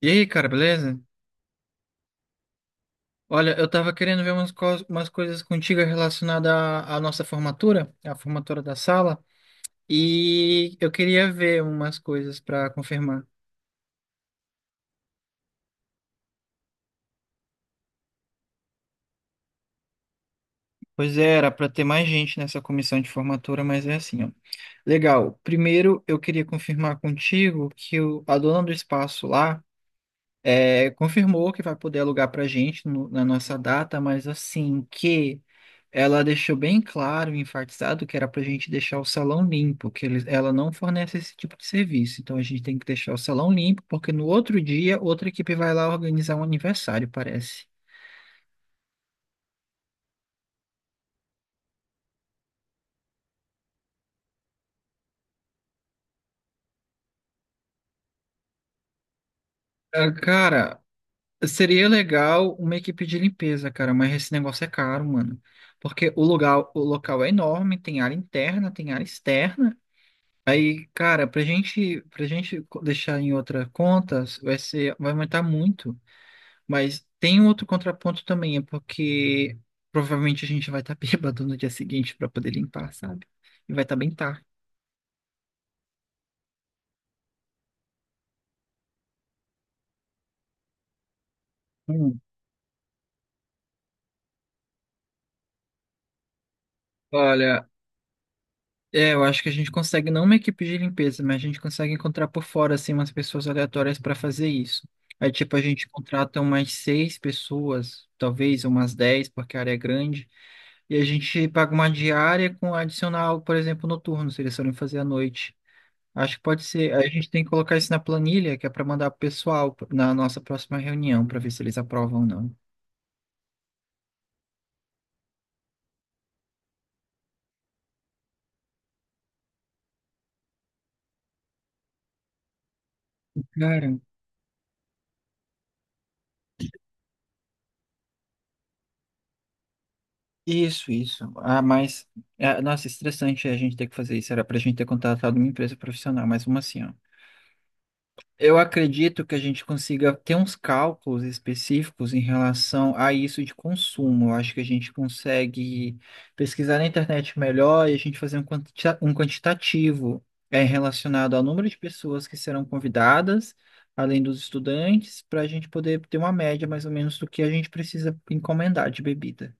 E aí, cara, beleza? Olha, eu tava querendo ver umas, umas coisas contigo relacionadas à nossa formatura, à formatura da sala, e eu queria ver umas coisas para confirmar. Pois é, era para ter mais gente nessa comissão de formatura, mas é assim, ó. Legal. Primeiro, eu queria confirmar contigo que o, a dona do espaço lá. É, confirmou que vai poder alugar para gente na nossa data, mas assim que ela deixou bem claro e enfatizado que era para a gente deixar o salão limpo, que eles, ela não fornece esse tipo de serviço. Então a gente tem que deixar o salão limpo, porque no outro dia outra equipe vai lá organizar um aniversário, parece. Ah, cara, seria legal uma equipe de limpeza, cara, mas esse negócio é caro, mano. Porque o lugar, o local é enorme, tem área interna, tem área externa. Aí, cara, pra gente deixar em outra conta, vai ser, vai aumentar muito. Mas tem um outro contraponto também, é porque provavelmente a gente vai estar bêbado no dia seguinte para poder limpar, sabe? E vai estar bem tarde. Hum. Olha, é, eu acho que a gente consegue, não uma equipe de limpeza, mas a gente consegue encontrar por fora, assim, umas pessoas aleatórias para fazer isso. Aí, tipo, a gente contrata umas seis pessoas, talvez umas dez, porque a área é grande, e a gente paga uma diária com adicional, por exemplo, noturno, se eles forem fazer à noite. Acho que pode ser. Aí a gente tem que colocar isso na planilha, que é para mandar pro pessoal na nossa próxima reunião, para ver se eles aprovam ou não. Cara, isso, isso. Ah, mas, é, nossa, estressante a gente ter que fazer isso. Era pra gente ter contratado uma empresa profissional, mas uma assim, ó. Eu acredito que a gente consiga ter uns cálculos específicos em relação a isso de consumo. Eu acho que a gente consegue pesquisar na internet melhor e a gente fazer um um quantitativo é, relacionado ao número de pessoas que serão convidadas, além dos estudantes, para a gente poder ter uma média mais ou menos do que a gente precisa encomendar de bebida.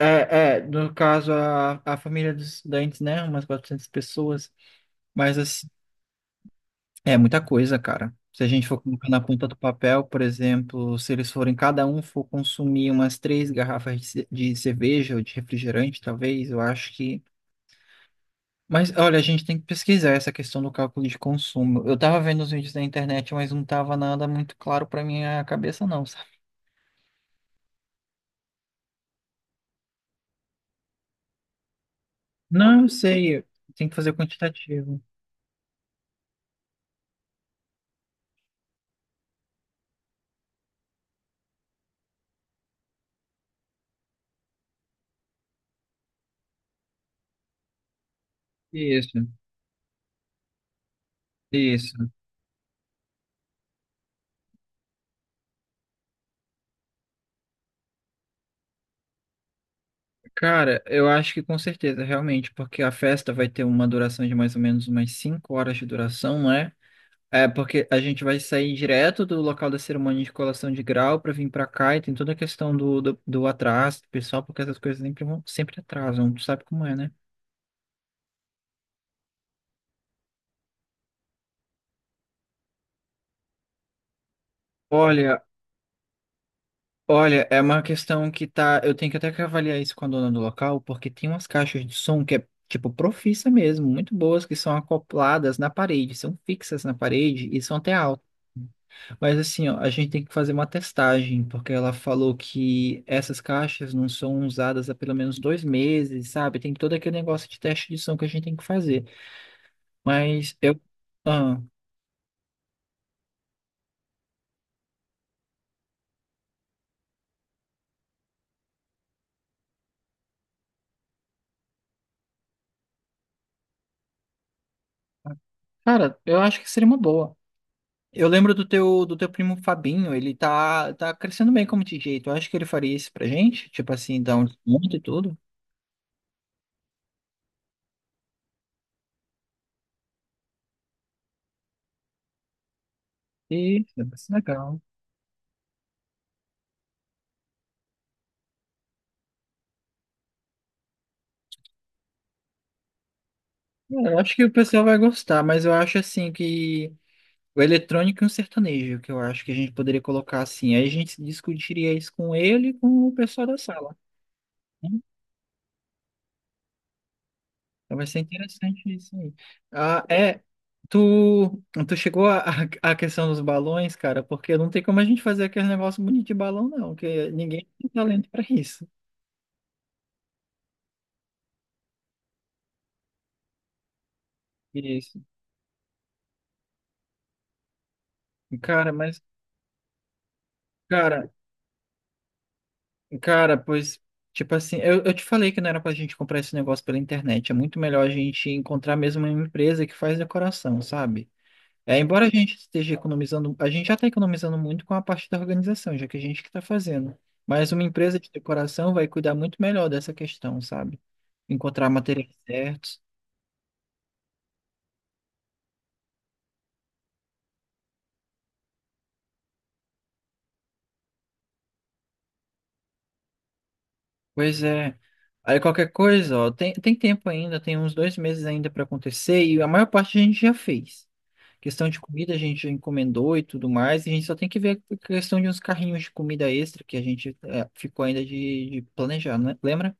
É, é, no caso, a família dos estudantes, né? Umas 400 pessoas. Mas, assim, é muita coisa, cara. Se a gente for colocar na ponta do papel, por exemplo, se eles forem, cada um for consumir umas três garrafas de cerveja ou de refrigerante, talvez, eu acho que. Mas, olha, a gente tem que pesquisar essa questão do cálculo de consumo. Eu tava vendo os vídeos na internet, mas não tava nada muito claro pra minha cabeça, não, sabe? Não, eu sei. Tem que fazer o quantitativo. Isso, isso. Cara, eu acho que com certeza, realmente, porque a festa vai ter uma duração de mais ou menos umas 5 horas de duração, né? É porque a gente vai sair direto do local da cerimônia de colação de grau para vir para cá e tem toda a questão do atraso, do pessoal, porque essas coisas sempre, sempre atrasam, tu sabe como é, né? Olha, olha, é uma questão que tá. Eu tenho que até que avaliar isso com a dona do local, porque tem umas caixas de som que é tipo profissa mesmo, muito boas, que são acopladas na parede, são fixas na parede e são até. Mas assim, ó, a gente tem que fazer uma testagem, porque ela falou que essas caixas não são usadas há pelo menos dois meses, sabe? Tem todo aquele negócio de teste de som que a gente tem que fazer. Mas eu, ah, cara, eu acho que seria uma boa. Eu lembro do teu primo Fabinho, ele tá crescendo bem como DJ. Tu acha que ele faria isso pra gente? Tipo assim, dar um desconto e tudo? Isso, vai ser legal. É, eu acho que o pessoal vai gostar, mas eu acho assim que o eletrônico e um sertanejo, que eu acho que a gente poderia colocar assim. Aí a gente discutiria isso com ele e com o pessoal da sala. Né? Então vai ser interessante isso aí. Ah, é. Tu, tu chegou à à questão dos balões, cara, porque não tem como a gente fazer aquele negócio bonito de balão, não, porque ninguém tem talento pra isso. Isso. Cara, mas, cara, cara, tipo assim, eu te falei que não era pra gente comprar esse negócio pela internet. É muito melhor a gente encontrar mesmo uma empresa que faz decoração, sabe? É, embora a gente esteja economizando, a gente já está economizando muito com a parte da organização, já que a gente que está fazendo. Mas uma empresa de decoração vai cuidar muito melhor dessa questão, sabe? Encontrar materiais certos. Pois é. Aí qualquer coisa, ó, tem tempo ainda, tem uns dois meses ainda para acontecer e a maior parte a gente já fez. Questão de comida a gente já encomendou e tudo mais, e a gente só tem que ver a questão de uns carrinhos de comida extra que a gente eh, ficou ainda de planejar, né? Lembra?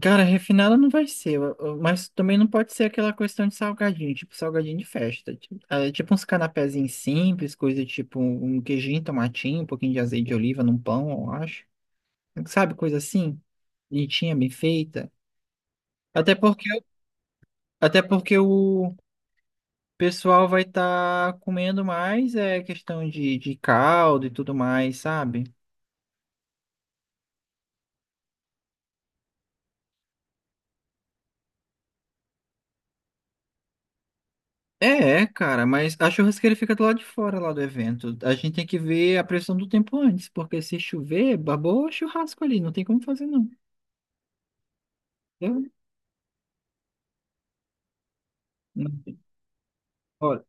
Cara, refinada não vai ser, mas também não pode ser aquela questão de salgadinho, tipo salgadinho de festa. Tipo, é, tipo uns canapézinhos simples, coisa tipo um queijinho, tomatinho, um pouquinho de azeite de oliva num pão, eu acho. Sabe, coisa assim? Bonitinha, bem feita. Até porque, até porque o pessoal vai estar comendo mais, é questão de caldo e tudo mais, sabe? É, é, cara, mas a churrasqueira fica do lado de fora lá do evento. A gente tem que ver a pressão do tempo antes, porque se chover, babou o churrasco ali, não tem como fazer não. Eu- não. Olha,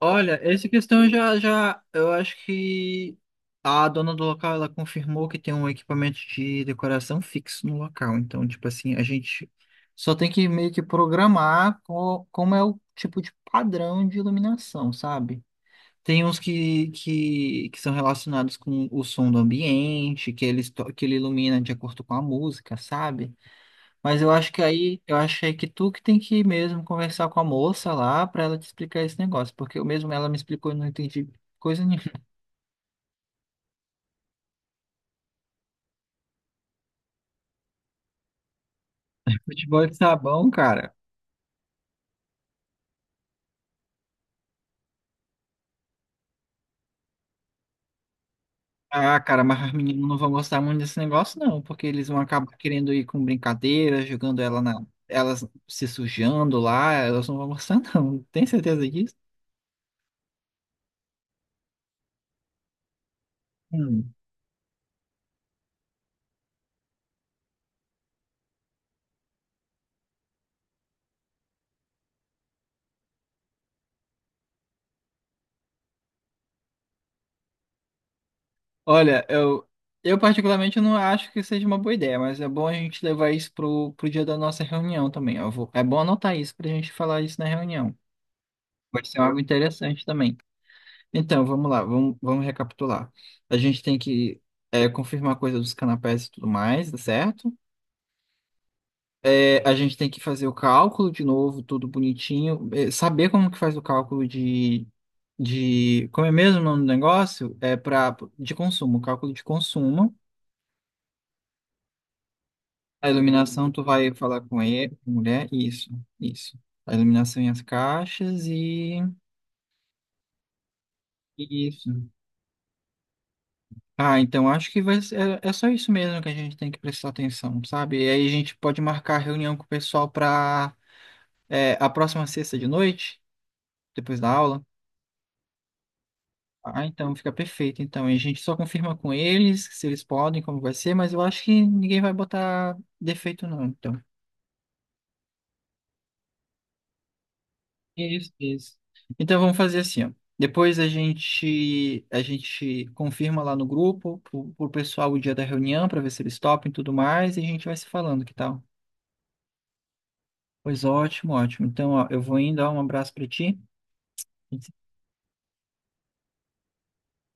olha, essa questão já, eu acho que a dona do local, ela confirmou que tem um equipamento de decoração fixo no local. Então, tipo assim, a gente só tem que meio que programar como é o tipo de padrão de iluminação, sabe? Tem uns que são relacionados com o som do ambiente, que ele, que ele ilumina de acordo com a música, sabe? Mas eu acho que aí, eu achei que tu que tem que ir mesmo conversar com a moça lá pra ela te explicar esse negócio, porque eu mesmo ela me explicou e não entendi coisa nenhuma. Futebol de sabão, cara. Ah, cara, mas as meninas não vão gostar muito desse negócio, não, porque eles vão acabar querendo ir com brincadeira, jogando ela na, elas se sujando lá, elas não vão gostar, não. Tem certeza disso? Hum. Olha, eu particularmente não acho que seja uma boa ideia, mas é bom a gente levar isso pro dia da nossa reunião também. Eu vou, é bom anotar isso pra gente falar isso na reunião. Pode ser algo interessante também. Então, vamos lá, vamos recapitular. A gente tem que é, confirmar a coisa dos canapés e tudo mais, tá certo? É, a gente tem que fazer o cálculo de novo, tudo bonitinho. É, saber como que faz o cálculo de... Como é mesmo o nome do negócio? É pra, de consumo, cálculo de consumo. A iluminação, tu vai falar com ele, com a mulher, isso, isso. A iluminação e as caixas e isso. Ah, então acho que vai ser, é, é só isso mesmo que a gente tem que prestar atenção, sabe? E aí a gente pode marcar reunião com o pessoal para a próxima sexta de noite, depois da aula. Ah, então fica perfeito. Então e a gente só confirma com eles se eles podem, como vai ser, mas eu acho que ninguém vai botar defeito não, então. Isso, isso. Então vamos fazer assim, ó. Depois a gente confirma lá no grupo pro, pro pessoal o dia da reunião para ver se eles topam e tudo mais e a gente vai se falando, que tal? Pois ótimo, ótimo. Então, ó, eu vou indo, ó, um abraço para ti.